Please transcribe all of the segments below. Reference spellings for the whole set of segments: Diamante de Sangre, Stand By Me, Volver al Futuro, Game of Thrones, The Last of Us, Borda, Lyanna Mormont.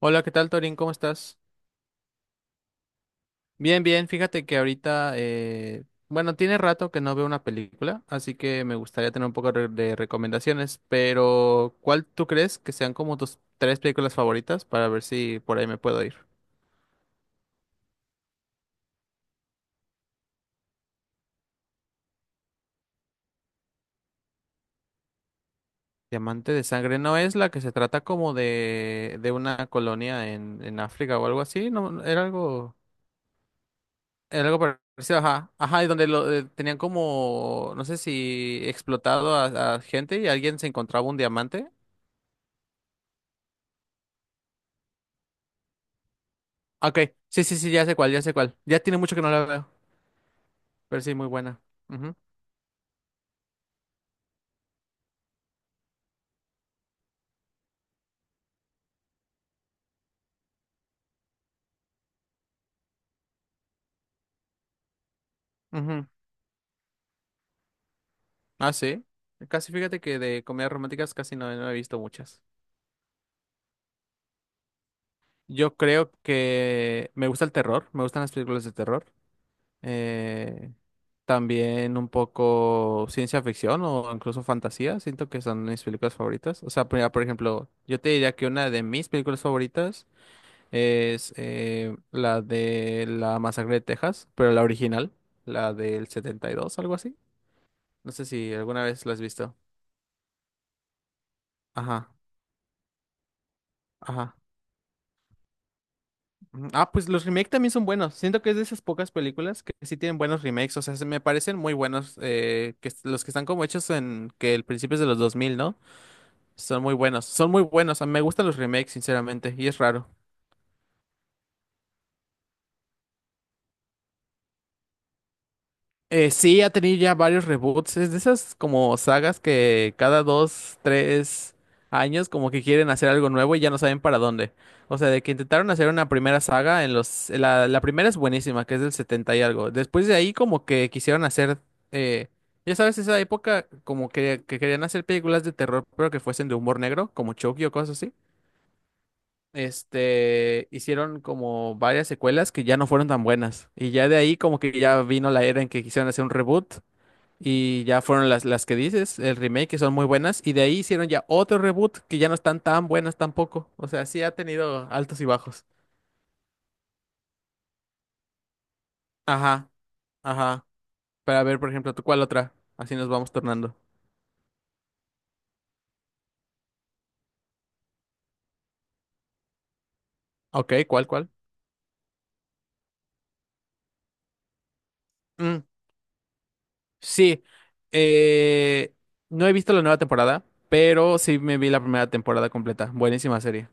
Hola, ¿qué tal, Torín? ¿Cómo estás? Bien, bien. Fíjate que ahorita, bueno, tiene rato que no veo una película, así que me gustaría tener un poco de recomendaciones, pero ¿cuál tú crees que sean como tus tres películas favoritas para ver si por ahí me puedo ir? Diamante de Sangre, ¿no es la que se trata como de una colonia en África o algo así? No, no, era algo parecido, ajá, ajá, y donde tenían como, no sé, si explotado a gente y alguien se encontraba un diamante. Ok, sí, sí, sí, ya sé cuál, ya sé cuál. Ya tiene mucho que no la veo, pero sí, muy buena. Ujú, ujú. Ah, sí. Casi, fíjate que de comedias románticas casi no, no he visto muchas. Yo creo que me gusta el terror, me gustan las películas de terror. Eh, También un poco ciencia ficción o incluso fantasía, siento que son mis películas favoritas. O sea, por ejemplo, yo te diría que una de mis películas favoritas es la de la masacre de Texas, pero la original, la del setenta y dos, algo así. No sé si alguna vez la has visto. Ajá, ajá. Ujú. Ah, pues los remakes también son buenos. Siento que es de esas pocas películas que sí tienen buenos remakes. O sea, se me parecen muy buenos. Los que están como hechos en que el principio es de los dos mil, ¿no? Son muy buenos. Son muy buenos. A mí me gustan los remakes, sinceramente. Y es raro. Sí, ha tenido ya varios reboots. Es de esas como sagas que cada dos, tres años como que quieren hacer algo nuevo y ya no saben para dónde. O sea, de que intentaron hacer una primera saga en los... La primera es buenísima, que es del 70 y algo. Después de ahí como que quisieron hacer... eh, ya sabes, esa época como que querían hacer películas de terror, pero que fuesen de humor negro, como Chucky o cosas así. Este, hicieron como varias secuelas que ya no fueron tan buenas. Y ya de ahí como que ya vino la era en que quisieron hacer un reboot y ya fueron las que dices, el remake, que son muy buenas. Y de ahí hicieron ya otro reboot que ya no están tan buenas tampoco. O sea, sí ha tenido altos y bajos. Ajá, ajá. Para ver, por ejemplo, ¿tú cuál otra? Así nos vamos tornando. Ok, ¿cuál, cuál? Mm, sí. Eh, no he visto la nueva temporada, pero sí me vi la primera temporada completa. Buenísima serie.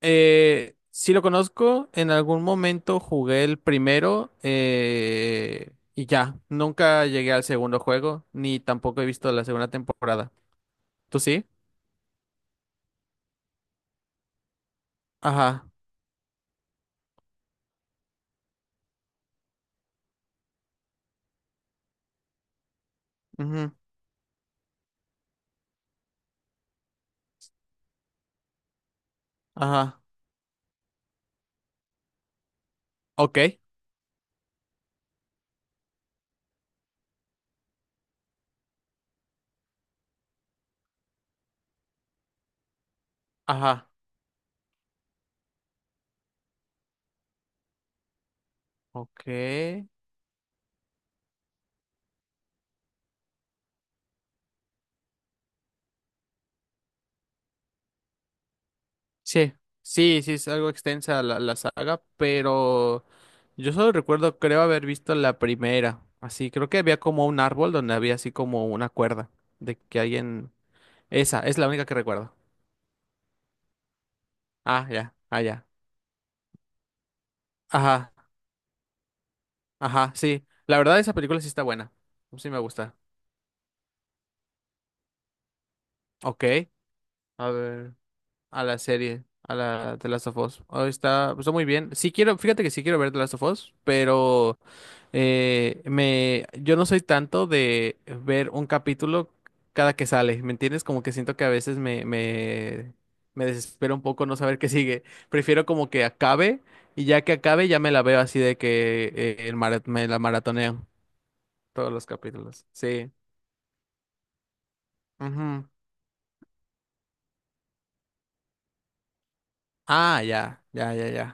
Sí lo conozco, en algún momento jugué el primero, y ya, nunca llegué al segundo juego, ni tampoco he visto la segunda temporada. ¿Tú sí? Ajá, ujú, ajá, ok, ajá, ok. Sí, sí, sí, es algo extensa la saga, pero yo solo recuerdo, creo haber visto la primera, así, creo que había como un árbol donde había así como una cuerda de que alguien... Esa es la única que recuerdo. Ah, ya, ah, ya. Ajá, ajá, sí. La verdad, esa película sí está buena. Sí me gusta. Ok, a ver, a la serie, a la The Last of Us. Oh, está, está muy bien. Sí quiero, fíjate que sí quiero ver The Last of Us, pero yo no soy tanto de ver un capítulo cada que sale, ¿me entiendes? Como que siento que a veces me desespero un poco no saber qué sigue. Prefiero como que acabe y ya que acabe ya me la veo, así de que me la maratoneo todos los capítulos. Sí. Ujú. Ah, ya, ya, ya, ya.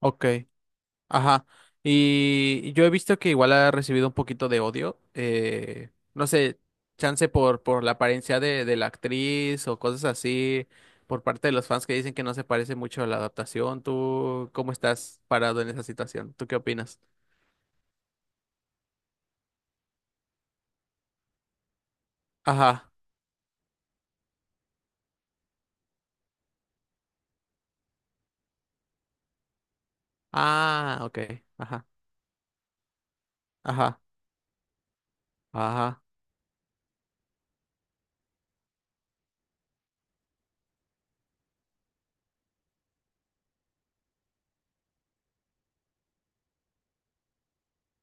Ok, ajá. Y yo he visto que igual ha recibido un poquito de odio. No sé, chance por la apariencia de la actriz o cosas así, por parte de los fans que dicen que no se parece mucho a la adaptación. ¿Tú cómo estás parado en esa situación? ¿Tú qué opinas? Ajá. Ah, ok. Ajá. Ajá. Ajá.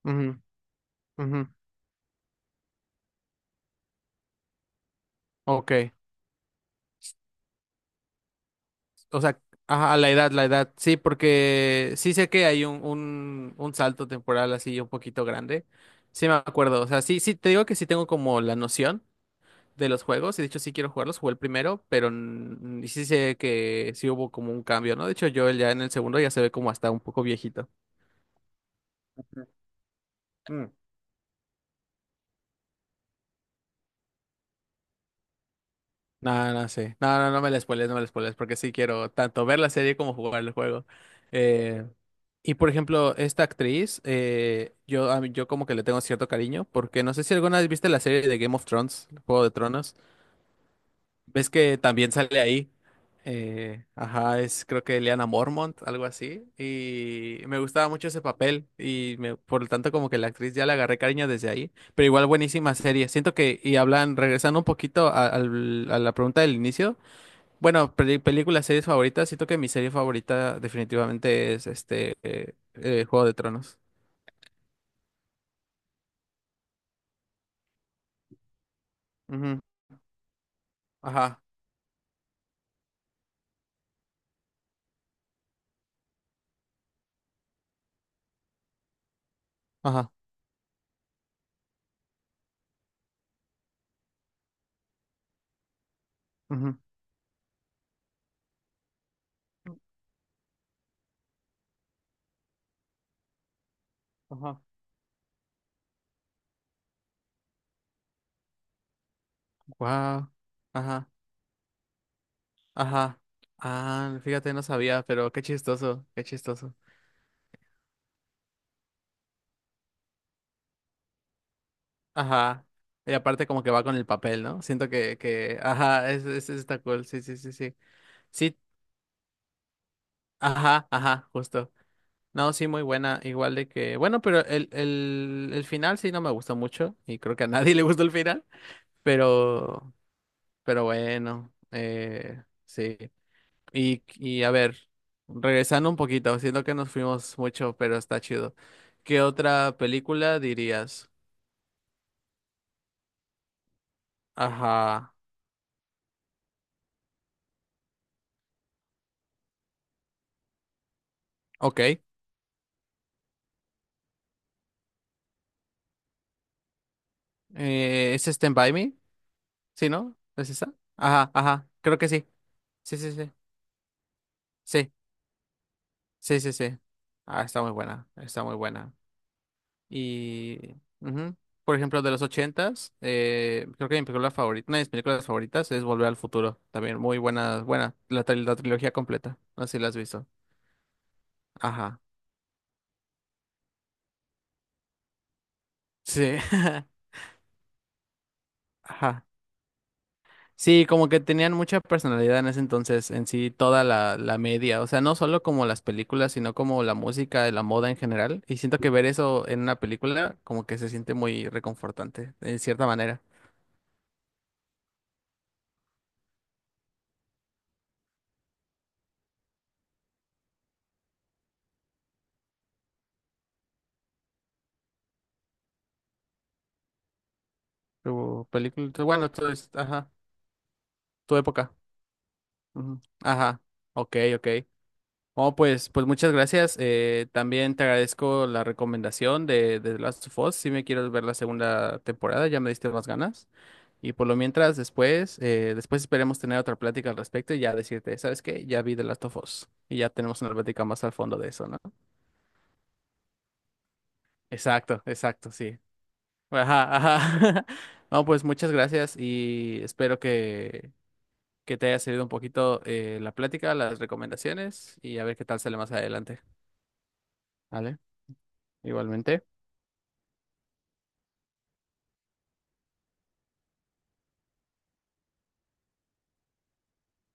Ujú, ujú. Ok. O sea, ajá, la edad, la edad. Sí, porque sí sé que hay un salto temporal así un poquito grande. Sí me acuerdo. O sea, sí, sí, te digo que sí tengo como la noción de los juegos. De hecho, sí quiero jugarlos. Jugué el primero, pero mm, sí sé que sí hubo como un cambio, ¿no? De hecho, yo ya en el segundo ya se ve como hasta un poco viejito. No, no sé. No, no, no me la spoiles, no me la spoiles, porque sí quiero tanto ver la serie como jugar el juego. Eh, y por ejemplo, esta actriz, yo como que le tengo cierto cariño, porque no sé si alguna vez viste la serie de Game of Thrones, Juego de Tronos. Ves que también sale ahí. Ajá, es, creo que Lyanna Mormont, algo así. Y me gustaba mucho ese papel. Por lo tanto, como que la actriz ya le agarré cariño desde ahí. Pero igual, buenísima serie. Siento que, y hablan, regresando un poquito a la pregunta del inicio. Bueno, películas, series favoritas. Siento que mi serie favorita definitivamente es este Juego de Tronos. Ujú, ajá, ajá, ujú, ajá. Wow, ajá, ajá. Ah, fíjate, no sabía, pero qué chistoso, qué chistoso. Ajá. Y aparte como que va con el papel, ¿no? Siento ajá, está cool, sí, sí, sí, sí. Sí, ajá, ajá, justo. No, sí, muy buena. Igual de que, bueno, pero el final sí no me gustó mucho y creo que a nadie le gustó el final, pero, pero bueno, sí. Y a ver, regresando un poquito, siento que nos fuimos mucho, pero está chido. ¿Qué otra película dirías? Ajá, ok. ¿Es Stand By Me? ¿Sí, no? ¿Es esa? Ajá, ajá, creo que sí. Sí, sí, sí. Sí, sí, sí, sí. Ah, está muy buena, está muy buena. Y, ujú. Por ejemplo, de los ochentas, creo que mi película favorita, una de mis películas favoritas es Volver al Futuro. También muy buena, buena, la trilogía completa. No sé si la has visto. Ajá. Sí. Ajá. Sí, como que tenían mucha personalidad en ese entonces, en sí, toda la media. O sea, no solo como las películas, sino como la música, la moda en general. Y siento que ver eso en una película, como que se siente muy reconfortante, en cierta manera. Tu película, bueno, tu, ajá, tu época. Ujú. Ajá, ok, ok. Oh, pues, pues muchas gracias. También te agradezco la recomendación de The Last of Us. Si me quieres ver la segunda temporada, ya me diste más ganas. Y por lo mientras, después, después esperemos tener otra plática al respecto y ya decirte, ¿sabes qué? Ya vi The Last of Us. Y ya tenemos una plática más al fondo de eso, ¿no? Exacto, exacto, sí. Ajá, ajá. No, pues muchas gracias y espero que te haya servido un poquito, la plática, las recomendaciones y a ver qué tal sale más adelante. Vale, igualmente.